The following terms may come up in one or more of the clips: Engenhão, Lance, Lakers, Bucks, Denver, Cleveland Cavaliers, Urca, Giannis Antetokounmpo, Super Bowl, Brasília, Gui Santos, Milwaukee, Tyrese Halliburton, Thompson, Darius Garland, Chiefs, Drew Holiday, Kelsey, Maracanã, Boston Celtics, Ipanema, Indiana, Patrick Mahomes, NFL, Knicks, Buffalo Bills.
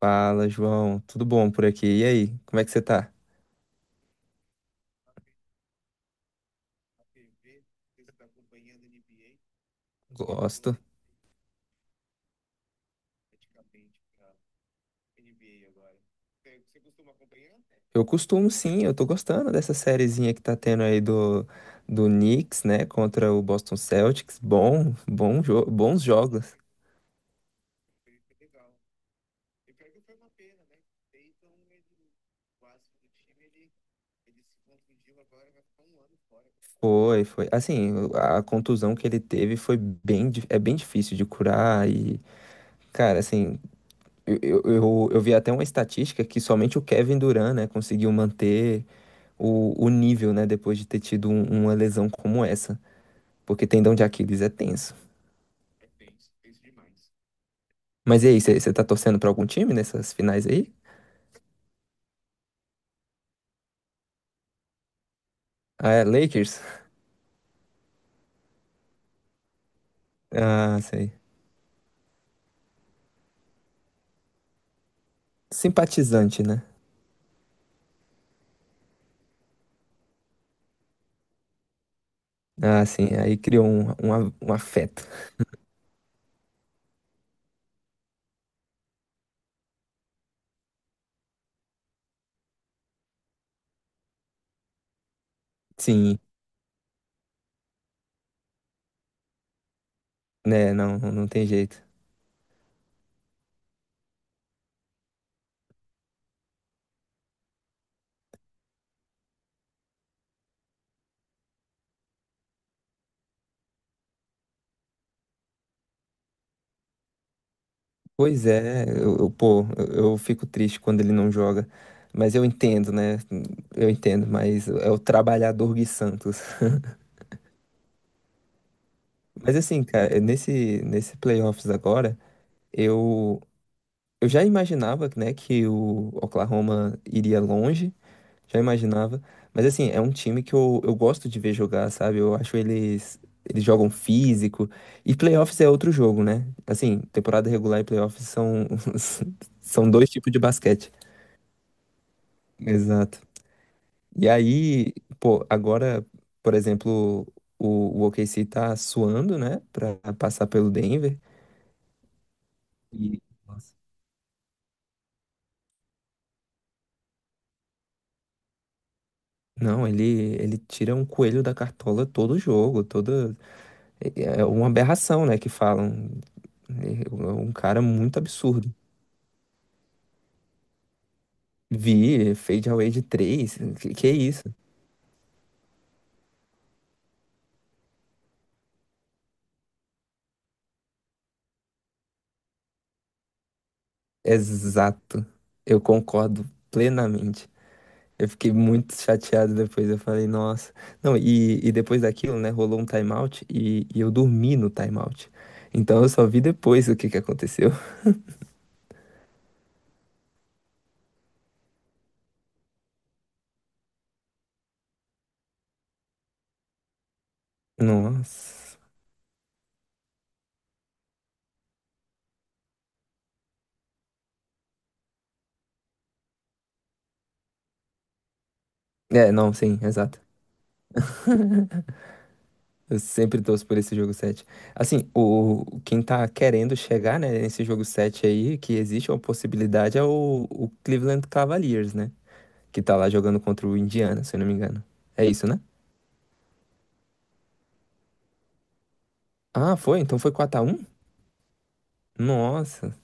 Fala, João. Tudo bom por aqui? E aí, como é que você tá? Gosto. Eu costumo sim, eu tô gostando dessa sériezinha que tá tendo aí do Knicks, né, contra o Boston Celtics. Bom, bom jo bons jogos. Foi, foi. Assim, a contusão que ele teve foi bem, é bem difícil de curar e, cara, assim, eu vi até uma estatística que somente o Kevin Durant, né, conseguiu manter o nível, né, depois de ter tido uma lesão como essa. Porque tendão de Aquiles é tenso. Mas e aí, você tá torcendo pra algum time nessas finais aí? Ah, é Lakers? Ah, sei. Simpatizante, né? Ah, sim, aí criou um afeto. Sim, né, não, não tem jeito. Pois é, pô, eu fico triste quando ele não joga. Mas eu entendo, né? Eu entendo, mas é o trabalhador Gui Santos. Mas assim, cara, nesse playoffs agora, eu, eu já imaginava, né, que o Oklahoma iria longe, já imaginava. Mas assim, é um time que eu gosto de ver jogar, sabe? Eu acho eles jogam físico. E playoffs é outro jogo, né? Assim, temporada regular e playoffs são, são dois tipos de basquete. Exato. E aí, pô, agora, por exemplo, o OKC tá suando, né, pra passar pelo Denver. E, nossa, não, ele tira um coelho da cartola todo jogo, toda. É uma aberração, né? Que falam. É um cara muito absurdo. Vi Fade Away de 3. Que é isso? Exato. Eu concordo plenamente. Eu fiquei muito chateado depois. Eu falei, nossa. Não, e, depois daquilo, né? Rolou um timeout e eu dormi no timeout. Então eu só vi depois o que que aconteceu. Nossa. É, não, sim, exato. Eu sempre torço por esse jogo 7. Assim, quem tá querendo chegar, né, nesse jogo 7 aí, que existe uma possibilidade, é o Cleveland Cavaliers, né? Que tá lá jogando contra o Indiana, se eu não me engano. É isso, né? Ah, foi? Então foi 4-1. Nossa.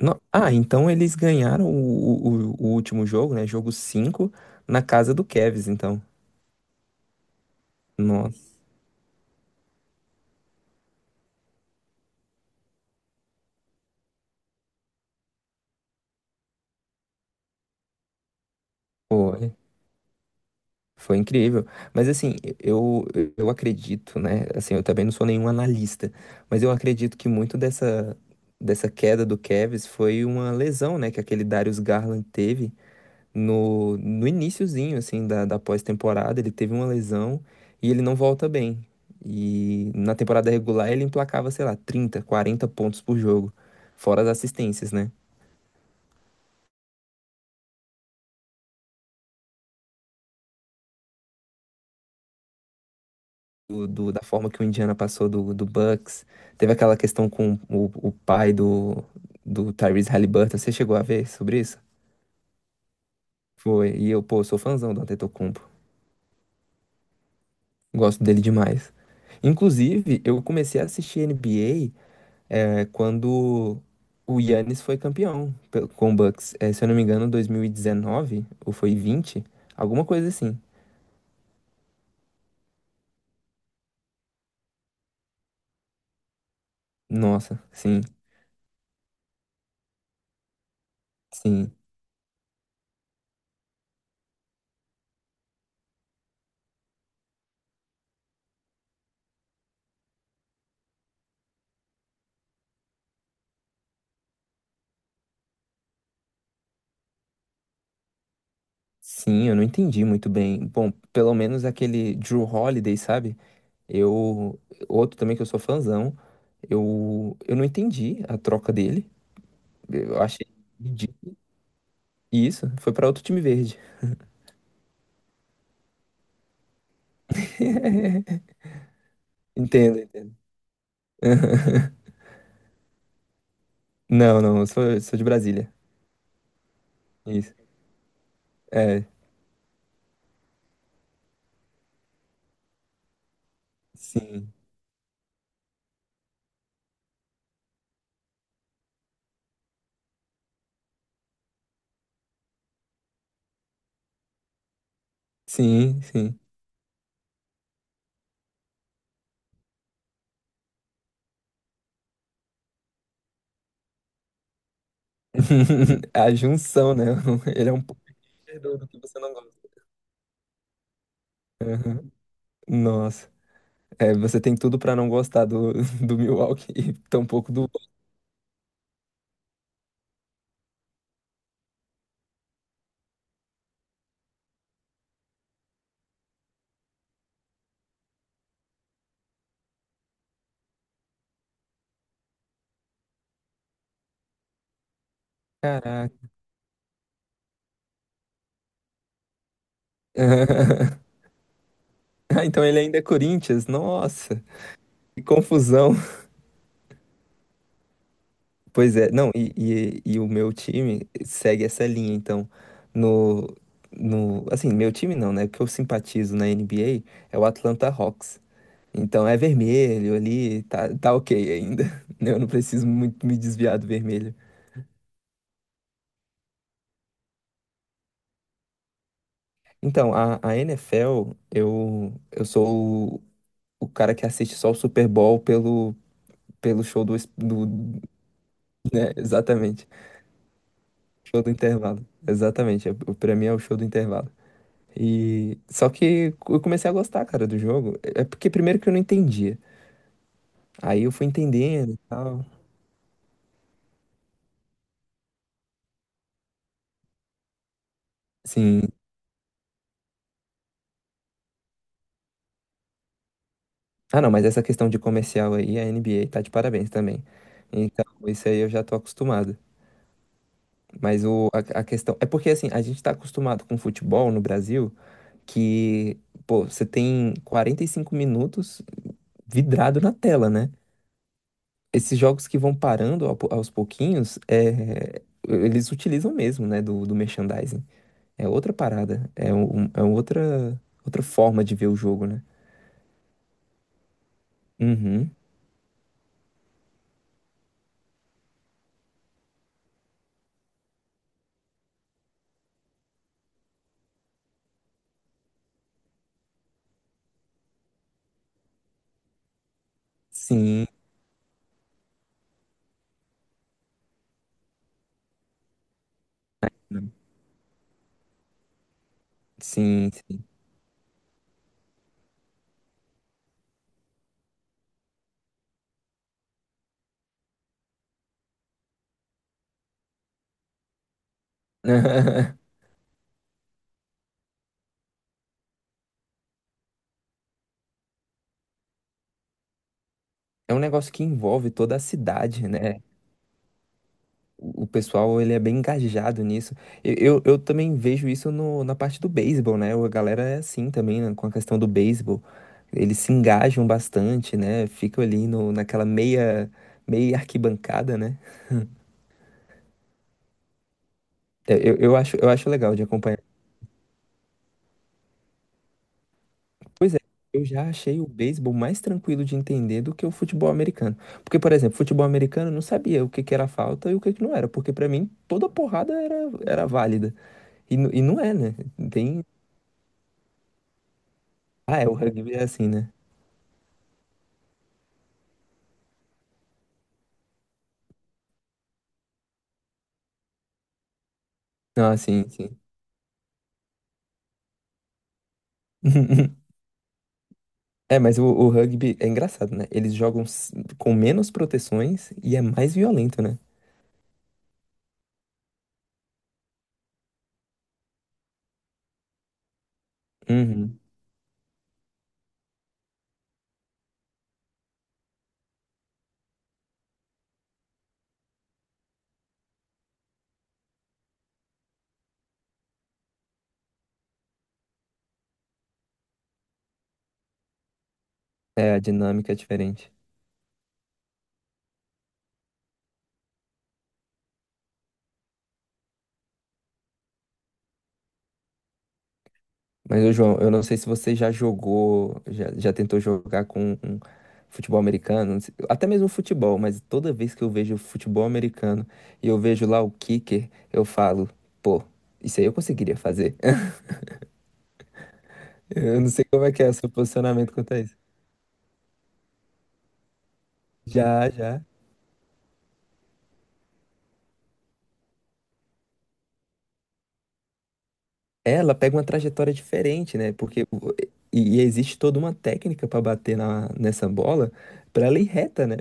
Ah, então eles ganharam o último jogo, né? Jogo 5 na casa do Cavs, então. Nossa. Pô, foi incrível. Mas assim, eu acredito, né? Assim, eu também não sou nenhum analista, mas eu acredito que muito dessa queda do Cavs foi uma lesão, né? Que aquele Darius Garland teve no iniciozinho, assim, da pós-temporada. Ele teve uma lesão e ele não volta bem. E na temporada regular ele emplacava, sei lá, 30, 40 pontos por jogo, fora as assistências, né? Da forma que o Indiana passou do Bucks. Teve aquela questão com o pai do Tyrese Halliburton. Você chegou a ver sobre isso? Foi. E eu, pô, sou fãzão do Antetokounmpo. Gosto dele demais. Inclusive, eu comecei a assistir NBA é, quando o Giannis foi campeão com o Bucks. É, se eu não me engano, 2019 ou foi 20, alguma coisa assim. Nossa, sim, sim, sim, eu não entendi muito bem. Bom, pelo menos aquele Drew Holiday, sabe? Eu, outro também que eu sou fãzão, eu não entendi a troca dele. Eu achei ridículo. E isso, foi pra outro time verde. Entendo, entendo. Não, não, eu sou de Brasília. Isso. Sim, sim, sim. A junção, né? Ele é um pouco perdedor do que você não gosta. Aham. Nossa, é, você tem tudo pra não gostar do Milwaukee e tampouco do. Caraca. Ah, então ele ainda é Corinthians? Nossa, que confusão. Pois é, não, e, e o meu time segue essa linha, então, no, no, assim, meu time não, né, o que eu simpatizo na NBA é o Atlanta Hawks, então é vermelho ali, tá, tá ok ainda, né, eu não preciso muito me desviar do vermelho. Então, a NFL, eu sou o cara que assiste só o Super Bowl pelo show do, né, exatamente, show do intervalo, exatamente, é, pra mim é o show do intervalo. E só que eu comecei a gostar, cara, do jogo. É porque primeiro que eu não entendia. Aí eu fui entendendo e tal. Sim. Ah, não, mas essa questão de comercial aí, a NBA tá de parabéns também. Então, isso aí eu já tô acostumado. Mas a questão. É porque assim, a gente tá acostumado com futebol no Brasil que, pô, você tem 45 minutos vidrado na tela, né? Esses jogos que vão parando aos pouquinhos, é, eles utilizam mesmo, né, do merchandising. É outra parada. É, é outra forma de ver o jogo, né? Uhum. Sim. Sim, sim. É um negócio que envolve toda a cidade, né? O pessoal, ele é bem engajado nisso. Eu também vejo isso no, na parte do beisebol, né? A galera é assim também, né? Com a questão do beisebol. Eles se engajam bastante, né? Ficam ali no, naquela meia arquibancada, né? É, eu acho legal de acompanhar. Pois é, eu já achei o beisebol mais tranquilo de entender do que o futebol americano. Porque, por exemplo, futebol americano eu não sabia o que que era falta e o que que não era. Porque pra mim toda porrada era, válida. E, e não é, né? Tem. Ah, é, o rugby é assim, né? Não, assim, sim, sim. É, mas o rugby é engraçado, né? Eles jogam com menos proteções e é mais violento, né? Uhum. É, a dinâmica é diferente. Mas, ô João, eu não sei se você já jogou, já tentou jogar com um futebol americano, não sei- até mesmo futebol, mas toda vez que eu vejo futebol americano e eu vejo lá o kicker, eu falo, pô, isso aí eu conseguiria fazer. Eu não sei como é que é o seu posicionamento quanto a isso. Já, já. Ela pega uma trajetória diferente, né? Porque e existe toda uma técnica pra bater nessa bola pra ela ir reta, né?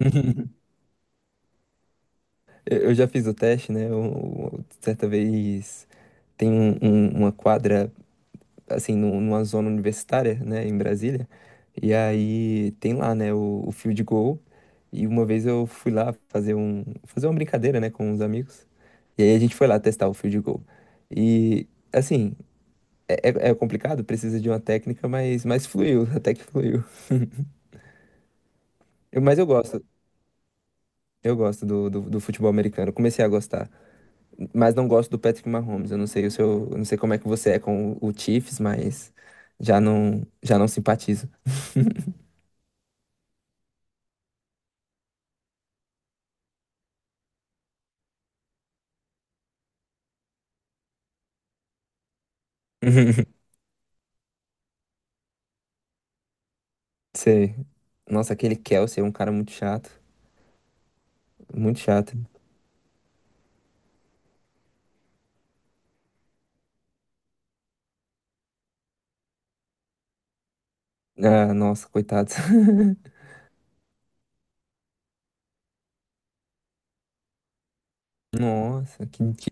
Eu já fiz o teste, né? Eu, certa vez. Tem uma quadra, assim, numa zona universitária, né, em Brasília. E aí tem lá, né, o field goal. E uma vez eu fui lá fazer fazer uma brincadeira, né, com os amigos. E aí a gente foi lá testar o field goal. E, assim, é complicado, precisa de uma técnica, mas fluiu, até que fluiu. Mas eu gosto do futebol americano. Comecei a gostar. Mas não gosto do Patrick Mahomes. Eu não sei o seu, eu não sei como é que você é com o Chiefs, mas já não simpatizo. Sei. Nossa, aquele Kelsey é um cara muito chato, muito chato. Ah, nossa, coitado. Nossa,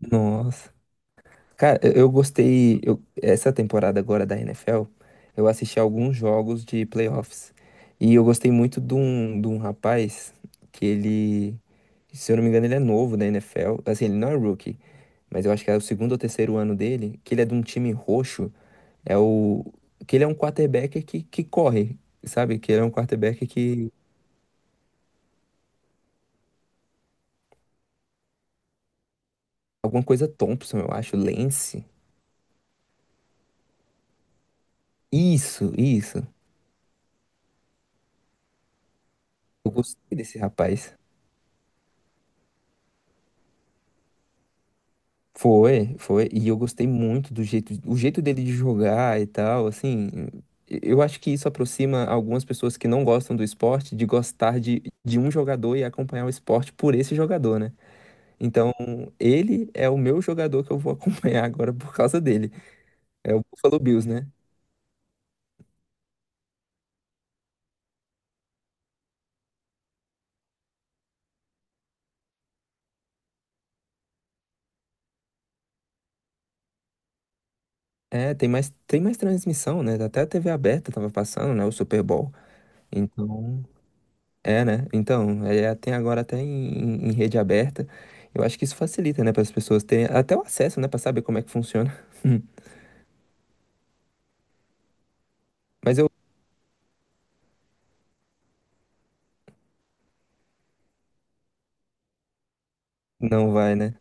nossa. Cara, eu gostei. Essa temporada agora da NFL, eu assisti alguns jogos de playoffs. E eu gostei muito de um rapaz que ele, se eu não me engano, ele é novo da NFL. Assim, ele não é rookie. Mas eu acho que é o segundo ou terceiro ano dele, que ele é de um time roxo, é o que ele é um quarterback que corre, sabe? Que ele é um quarterback que alguma coisa Thompson, eu acho, Lance. Isso, isso. Eu gostei desse rapaz. Foi, foi, e eu gostei muito o jeito dele de jogar e tal, assim, eu acho que isso aproxima algumas pessoas que não gostam do esporte de gostar de um jogador e acompanhar o esporte por esse jogador, né? Então, ele é o meu jogador que eu vou acompanhar agora por causa dele. É o Buffalo Bills, né? É, tem mais transmissão, né? Até a TV aberta tava passando, né? O Super Bowl. Então, é, né? Então, é, tem agora até em, rede aberta. Eu acho que isso facilita, né? Para as pessoas terem até o acesso, né? Para saber como é que funciona. Mas eu. Não vai, né?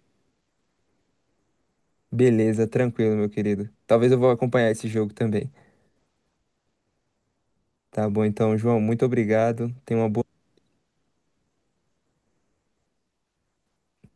Beleza, tranquilo, meu querido. Talvez eu vou acompanhar esse jogo também. Tá bom, então, João, muito obrigado. Tenha uma boa.